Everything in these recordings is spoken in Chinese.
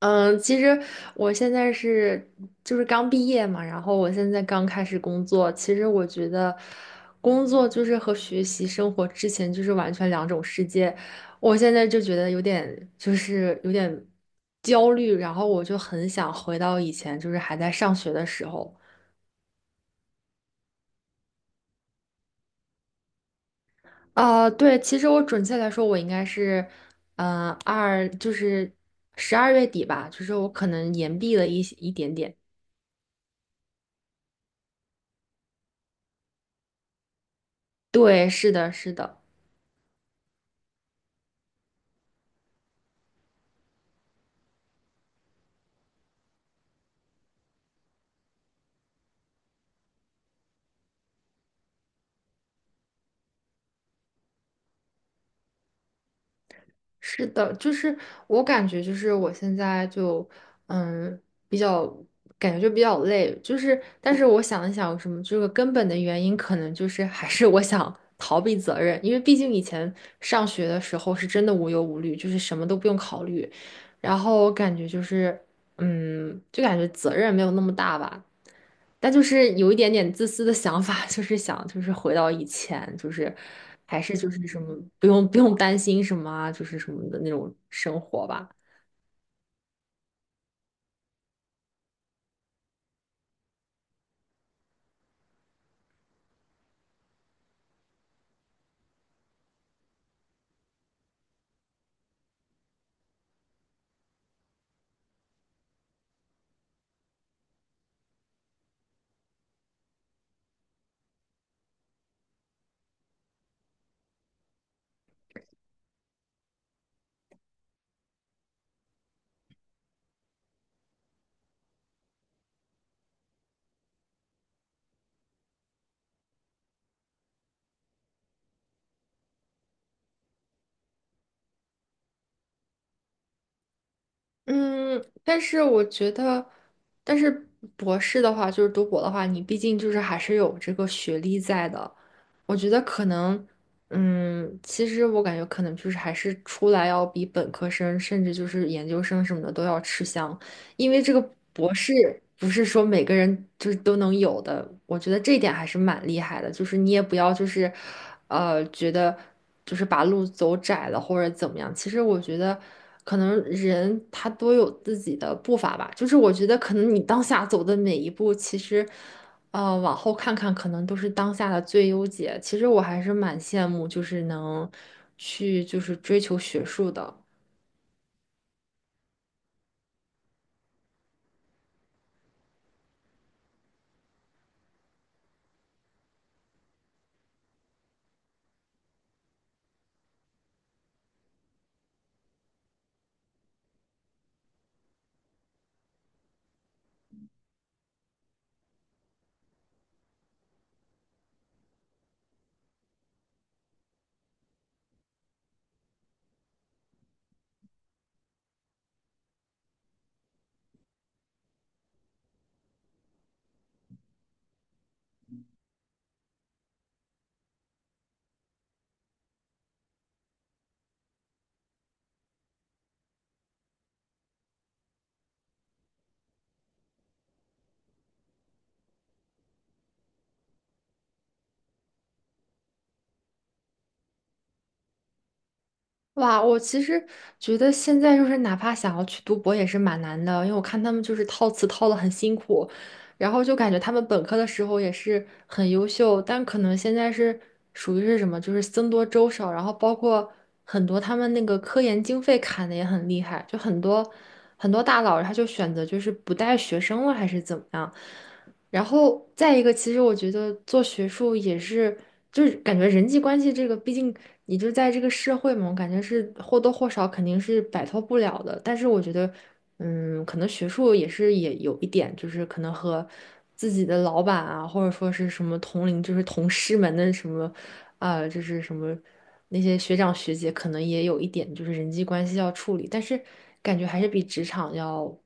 嗯，其实我现在是就是刚毕业嘛，然后我现在刚开始工作。其实我觉得工作就是和学习生活之前就是完全两种世界。我现在就觉得有点就是有点焦虑，然后我就很想回到以前就是还在上学的时候。啊、对，其实我准确来说，我应该是，二就是十二月底吧，就是我可能延毕了一点点。对，是的，是的。是的，就是我感觉，就是我现在就，嗯，比较感觉就比较累，就是，但是我想了想，有什么这个根本的原因，可能就是还是我想逃避责任，因为毕竟以前上学的时候是真的无忧无虑，就是什么都不用考虑，然后我感觉就是。嗯，就感觉责任没有那么大吧，但就是有一点点自私的想法，就是想就是回到以前，就是还是就是什么不用担心什么啊，就是什么的那种生活吧。嗯，但是我觉得，但是博士的话，就是读博的话，你毕竟就是还是有这个学历在的。我觉得可能，嗯，其实我感觉可能就是还是出来要比本科生，甚至就是研究生什么的都要吃香，因为这个博士不是说每个人就是都能有的。我觉得这一点还是蛮厉害的，就是你也不要就是，觉得。就是把路走窄了或者怎么样。其实我觉得，可能人他都有自己的步伐吧。就是我觉得，可能你当下走的每一步，其实，往后看看，可能都是当下的最优解。其实我还是蛮羡慕，就是能去就是追求学术的。哇，我其实觉得现在就是哪怕想要去读博也是蛮难的，因为我看他们就是套词套的很辛苦，然后就感觉他们本科的时候也是很优秀，但可能现在是属于是什么，就是僧多粥少，然后包括很多他们那个科研经费砍的也很厉害，就很多大佬他就选择就是不带学生了还是怎么样，然后再一个，其实我觉得做学术也是，就是感觉人际关系这个，毕竟你就在这个社会嘛，我感觉是或多或少肯定是摆脱不了的。但是我觉得，嗯，可能学术也是也有一点，就是可能和自己的老板啊，或者说是什么同龄，就是同事们的什么啊，就是什么那些学长学姐可能也有一点就是人际关系要处理，但是感觉还是比职场要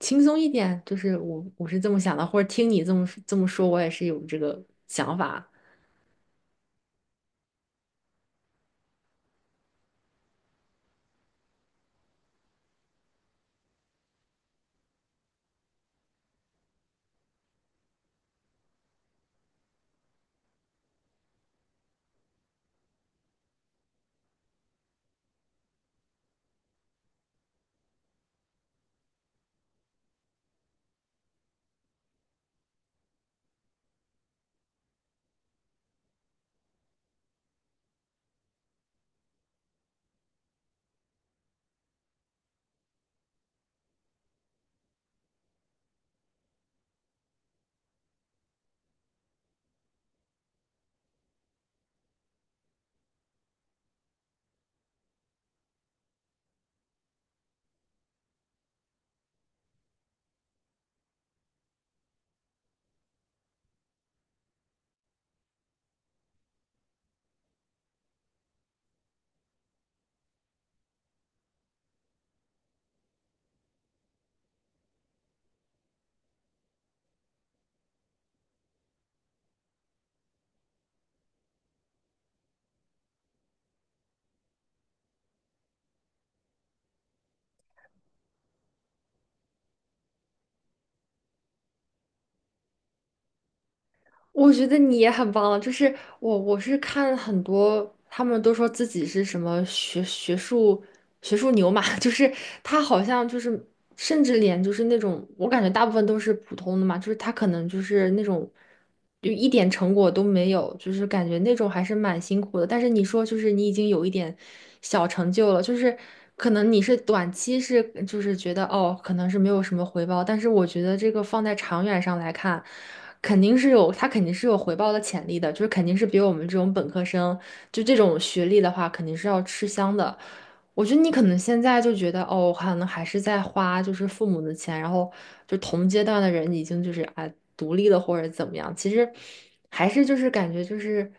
轻松一点。就是我是这么想的，或者听你这么说，我也是有这个想法。我觉得你也很棒了，就是我是看很多，他们都说自己是什么学术牛马，就是他好像就是甚至连就是那种我感觉大部分都是普通的嘛，就是他可能就是那种就一点成果都没有，就是感觉那种还是蛮辛苦的。但是你说就是你已经有一点小成就了，就是可能你是短期是就是觉得哦可能是没有什么回报，但是我觉得这个放在长远上来看。肯定是有，他肯定是有回报的潜力的，就是肯定是比我们这种本科生，就这种学历的话，肯定是要吃香的。我觉得你可能现在就觉得，哦，可能还是在花就是父母的钱，然后就同阶段的人已经就是啊独立了或者怎么样，其实还是就是感觉就是，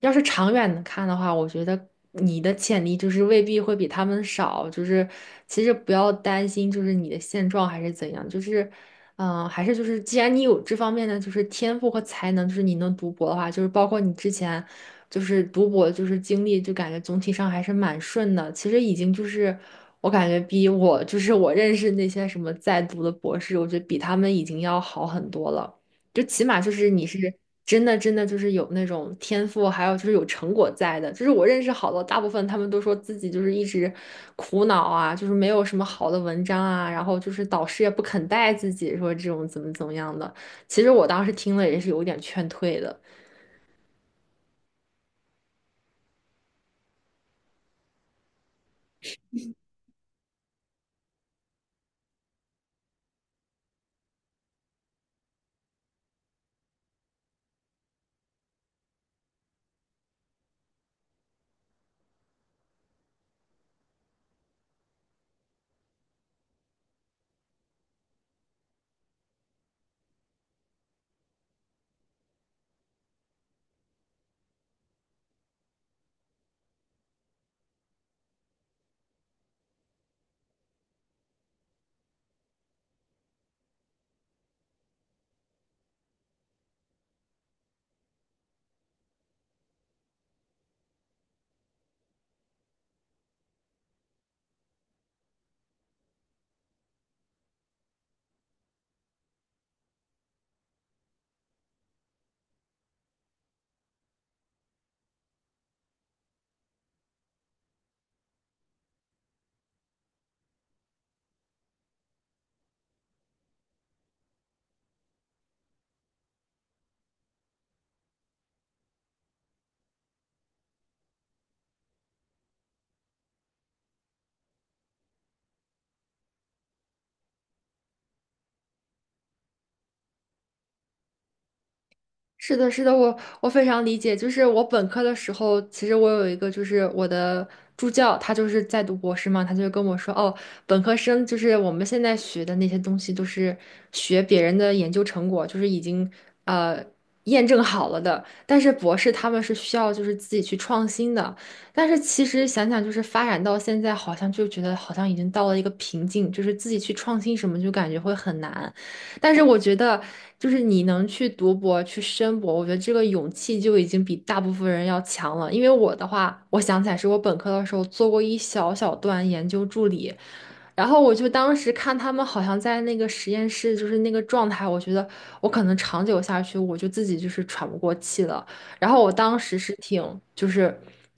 要是长远的看的话，我觉得你的潜力就是未必会比他们少，就是其实不要担心就是你的现状还是怎样，就是。嗯，还是就是，既然你有这方面的就是天赋和才能，就是你能读博的话，就是包括你之前就是读博就是经历，就感觉总体上还是蛮顺的。其实已经就是我感觉比我就是我认识那些什么在读的博士，我觉得比他们已经要好很多了。就起码就是你是真的就是有那种天赋，还有就是有成果在的。就是我认识好多，大部分他们都说自己就是一直苦恼啊，就是没有什么好的文章啊，然后就是导师也不肯带自己，说这种怎么怎么样的。其实我当时听了也是有点劝退的。是的，是的，我非常理解。就是我本科的时候，其实我有一个，就是我的助教，他就是在读博士嘛，他就跟我说，哦，本科生就是我们现在学的那些东西，都是学别人的研究成果，就是已经呃验证好了的。但是博士他们是需要就是自己去创新的。但是其实想想，就是发展到现在，好像就觉得好像已经到了一个瓶颈，就是自己去创新什么，就感觉会很难。但是我觉得，就是你能去读博、去申博，我觉得这个勇气就已经比大部分人要强了。因为我的话，我想起来是我本科的时候做过一小小段研究助理，然后我就当时看他们好像在那个实验室，就是那个状态，我觉得我可能长久下去，我就自己就是喘不过气了。然后我当时是挺就是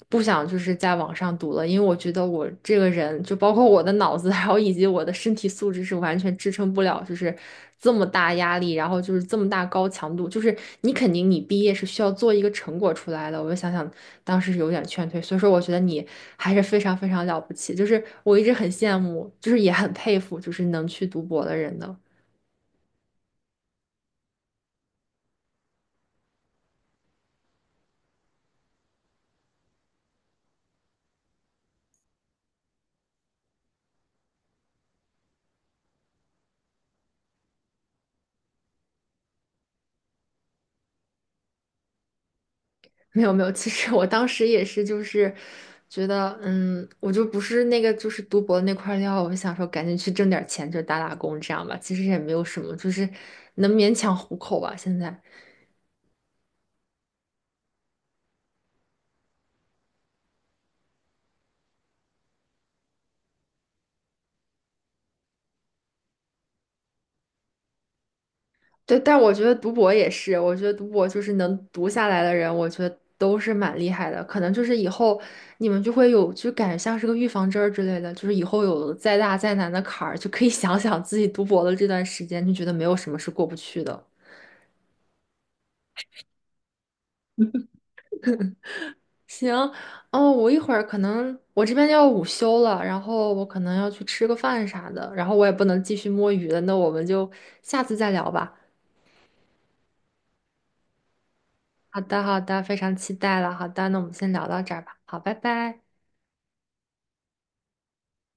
不想就是在网上读了，因为我觉得我这个人就包括我的脑子，还有以及我的身体素质是完全支撑不了，就是这么大压力，然后就是这么大高强度，就是你肯定你毕业是需要做一个成果出来的。我就想想当时是有点劝退，所以说我觉得你还是非常非常了不起，就是我一直很羡慕，就是也很佩服，就是能去读博的人的。没有没有，其实我当时也是，就是觉得，嗯，我就不是那个就是读博那块料，我想说赶紧去挣点钱，就打打工这样吧。其实也没有什么，就是能勉强糊口吧。现在，对，但我觉得读博也是，我觉得读博就是能读下来的人，我觉得都是蛮厉害的。可能就是以后你们就会有，就感觉像是个预防针儿之类的，就是以后有再大再难的坎儿，就可以 想想自己读博的这段时间，就觉得没有什么是过不去的。行，哦，我一会儿可能我这边要午休了，然后我可能要去吃个饭啥的，然后我也不能继续摸鱼了，那我们就下次再聊吧。好的，好的，非常期待了。好的，那我们先聊到这儿吧。好，拜拜。